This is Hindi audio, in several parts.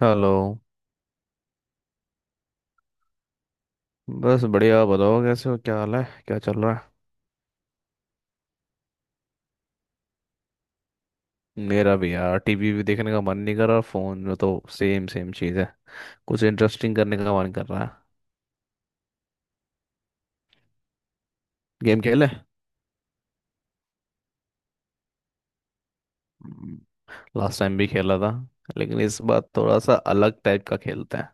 हेलो। बस बढ़िया, आप बताओ कैसे हो? क्या हाल है? क्या चल रहा है? मेरा भी यार, टीवी भी देखने का मन नहीं कर रहा और फोन में तो सेम सेम चीज़ है। कुछ इंटरेस्टिंग करने का मन कर रहा है। गेम खेले? लास्ट टाइम भी खेला था। लेकिन इस बार थोड़ा सा अलग टाइप का खेलते हैं।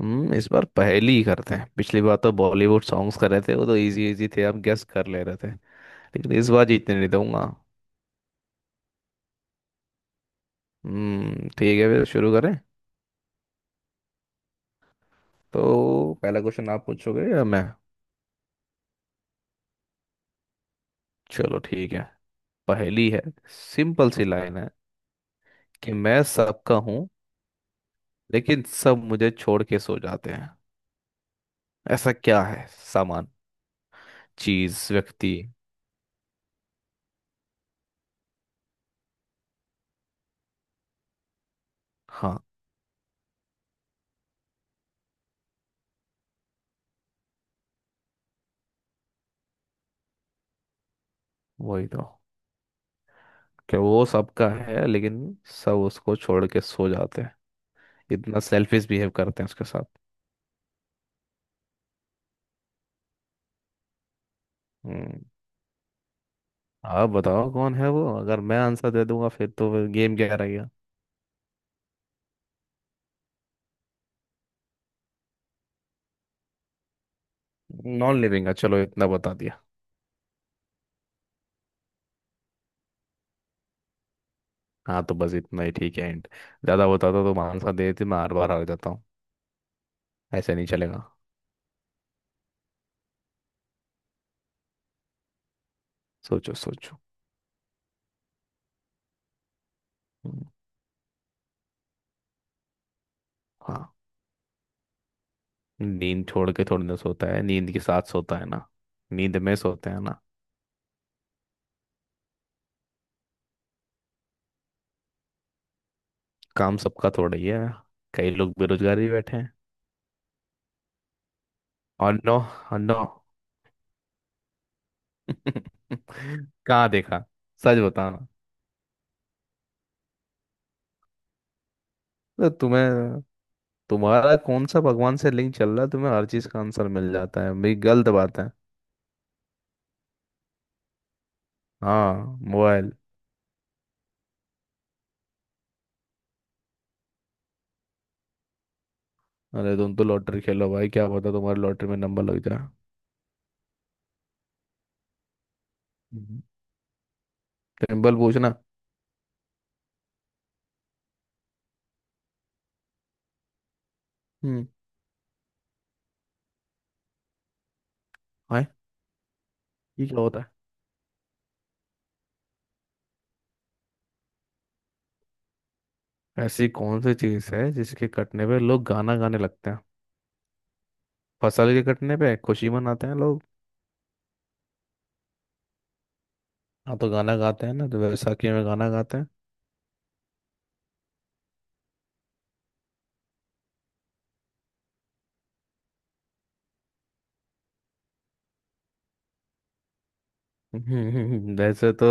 हम्म, इस बार पहेली ही करते हैं। पिछली बार तो बॉलीवुड सॉन्ग्स कर रहे थे, वो तो इजी इजी थे, आप गेस कर ले रहे थे। लेकिन इस बार जीतने नहीं दूंगा। हम्म, ठीक है, फिर शुरू करें। तो पहला क्वेश्चन आप पूछोगे या मैं? चलो ठीक है। पहेली है। सिंपल सी लाइन है कि मैं सबका हूँ, लेकिन सब मुझे छोड़ के सो जाते हैं। ऐसा क्या है? सामान, चीज, व्यक्ति? हाँ। वही तो, कि वो सबका है लेकिन सब उसको छोड़ के सो जाते हैं। इतना सेल्फिश बिहेव करते हैं उसके साथ। हम्म, आप बताओ कौन है वो? अगर मैं आंसर दे दूंगा फिर तो फिर गेम क्या रह गया? नॉन लिविंग है, चलो इतना बता दिया। हाँ तो बस इतना ही ठीक है, एंड ज्यादा बताता तो मैं आंसर दे देती। मैं हर बार हार जाता हूँ, ऐसे नहीं चलेगा। सोचो सोचो। हम्म, हाँ। नींद छोड़ के थोड़ी ना सोता है, नींद के साथ सोता है ना। नींद में सोते हैं ना। काम सबका थोड़ा ही है, कई लोग बेरोजगार भी बैठे हैं। और नो। और नो। कहाँ देखा? सच बताना। तो तुम्हें तुम्हारा कौन सा भगवान से लिंक चल रहा है? तुम्हें हर चीज का आंसर मिल जाता है भाई, गलत बात है। हाँ। मोबाइल। अरे तुम तो लॉटरी खेलो भाई, क्या पता तुम्हारे लॉटरी में नंबर लग जाए। हम्म। सिंपल पूछना। हम्म। हाय, ये क्या होता है? ऐसी कौन सी चीज है जिसके कटने पे लोग गाना गाने लगते हैं? फसल के कटने पे खुशी मनाते हैं लोग, हाँ तो गाना गाते हैं ना, तो वैसाखी में गाना गाते हैं। वैसे तो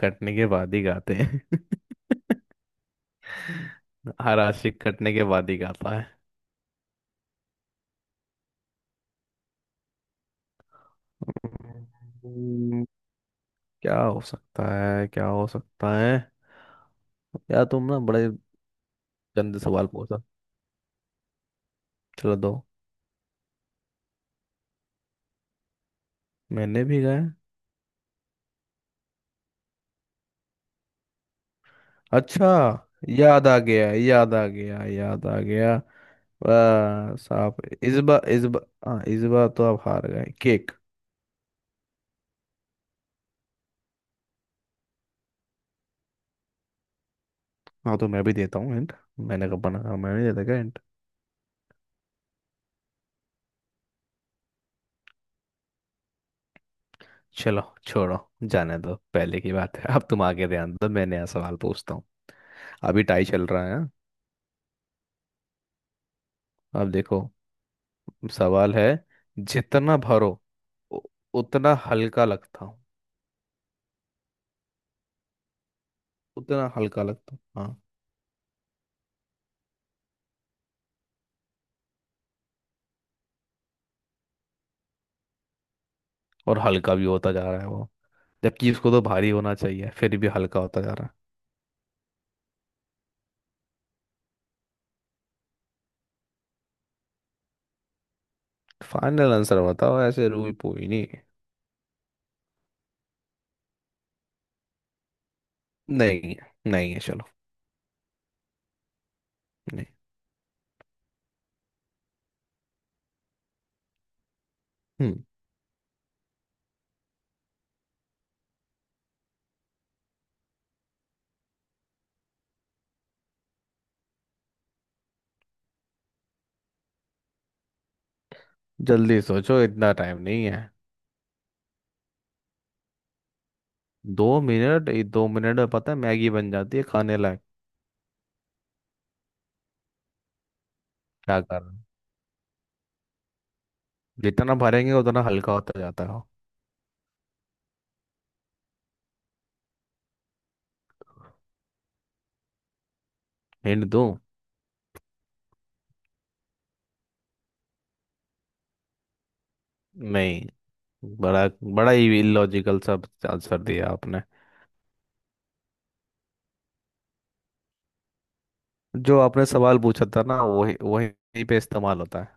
कटने के बाद ही गाते हैं। हर आशिक कटने के बाद ही गाता है। हम्म, क्या हो सकता है, क्या हो सकता है? यार तुम ना बड़े गंदे सवाल पूछा। चलो दो, मैंने भी गाया। अच्छा, याद आ गया, याद आ गया, याद आ गया। वाह साहब। इस बार, इस बार हाँ, इस बार तो आप हार गए केक। हाँ तो मैं भी देता हूँ हिंट। मैंने कब बना? हाँ, मैं भी देता क्या हिंट? चलो छोड़ो, जाने दो, पहले की बात है। अब तुम आगे ध्यान दो, मैं नया सवाल पूछता हूँ। अभी टाई चल रहा है, हाँ? अब देखो, सवाल है। जितना भरो, उ- उतना हल्का लगता हूँ। उतना हल्का लगता हूँ, हाँ। और हल्का भी होता जा रहा है वो, जबकि उसको तो भारी होना चाहिए, फिर भी हल्का होता जा रहा है। फाइनल आंसर बताओ, ऐसे रूई पोई नहीं है। नहीं है, नहीं है। चलो नहीं। हम्म, जल्दी सोचो, इतना टाइम नहीं है। दो मिनट, ये दो मिनट में पता है मैगी बन जाती है खाने लायक। क्या कर रहे हो? जितना भरेंगे उतना हल्का होता जाता है। हिंट दूं? नहीं, बड़ा बड़ा ही इलॉजिकल सब आंसर दिया आपने। जो आपने सवाल पूछा था ना, वही वही पे इस्तेमाल होता है।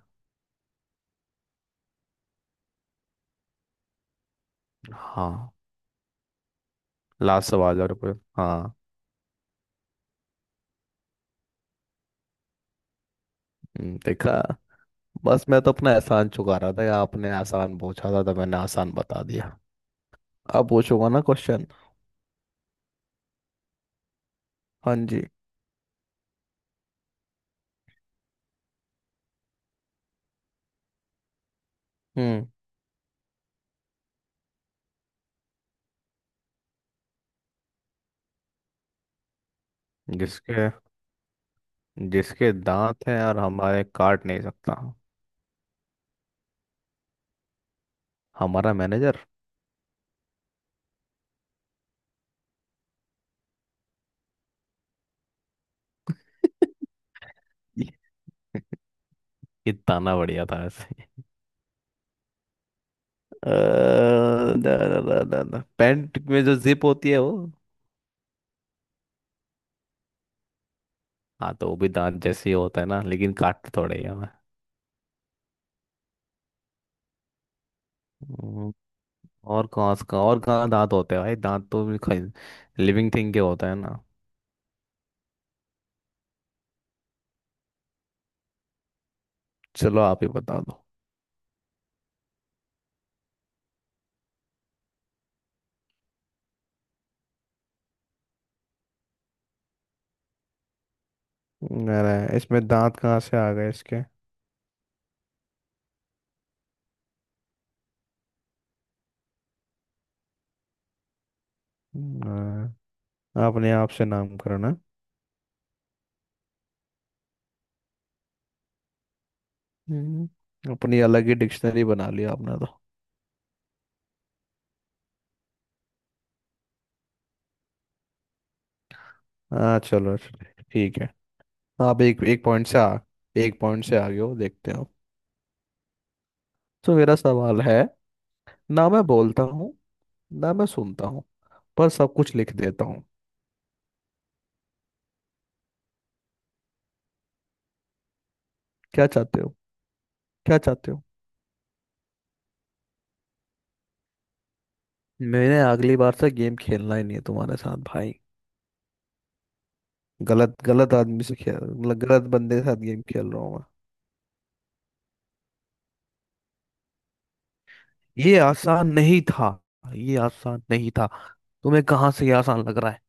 हाँ। लास्ट सवाल और पूछ- हाँ। देखा? बस मैं तो अपना एहसान चुका रहा था, या आपने आसान पूछा था तो मैंने आसान बता दिया। अब पूछूंगा ना क्वेश्चन। हाँ जी। हम्म, जिसके जिसके दांत हैं और हमारे काट नहीं सकता। हमारा मैनेजर। ये ये ताना बढ़िया था ऐसे। अ, दा, दा, दा, दा, दा। पैंट में जो जिप होती है वो। हाँ तो वो भी दांत जैसे ही होता है ना, लेकिन काटते थोड़े ही हमें। हम्म, और कहाँ से कहाँ, और कहाँ दांत होते हैं भाई? दांत तो लिविंग थिंग के होता है ना। चलो आप ही बता दो। अरे इसमें दांत कहाँ से आ गए इसके? हम्म, आपने आप से नाम करना। हम्म, अपनी अलग ही डिक्शनरी बना ली आपने तो। हाँ, चलो चलो, ठीक है। आप एक एक पॉइंट से आ, एक पॉइंट से आगे हो देखते हो। तो मेरा सवाल है, ना मैं बोलता हूँ, ना मैं सुनता हूँ, पर सब कुछ लिख देता हूँ। क्या चाहते हो? क्या चाहते हो? मैंने अगली बार से गेम खेलना ही नहीं है तुम्हारे साथ भाई। गलत, गलत आदमी से खेल, मतलब गलत बंदे के साथ गेम खेल रहा हूँ। ये आसान नहीं था, ये आसान नहीं था। तुम्हें कहाँ से ये आसान लग रहा है?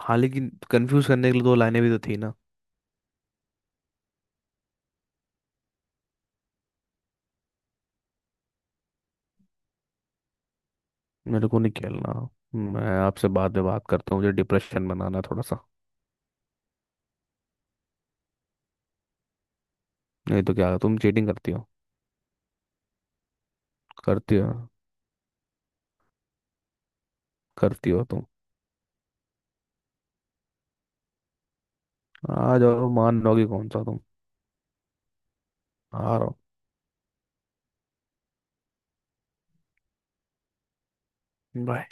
हाँ लेकिन कंफ्यूज करने के लिए दो लाइनें भी तो थी ना। मेरे को नहीं खेलना। मैं आपसे बाद में बात करता हूँ, मुझे डिप्रेशन बनाना है थोड़ा सा। नहीं तो क्या तुम चीटिंग करती हो? करती हो, करती हो तुम। आ जाओ, मान लोगी कौन सा तुम। आ रहा हूँ। Bye.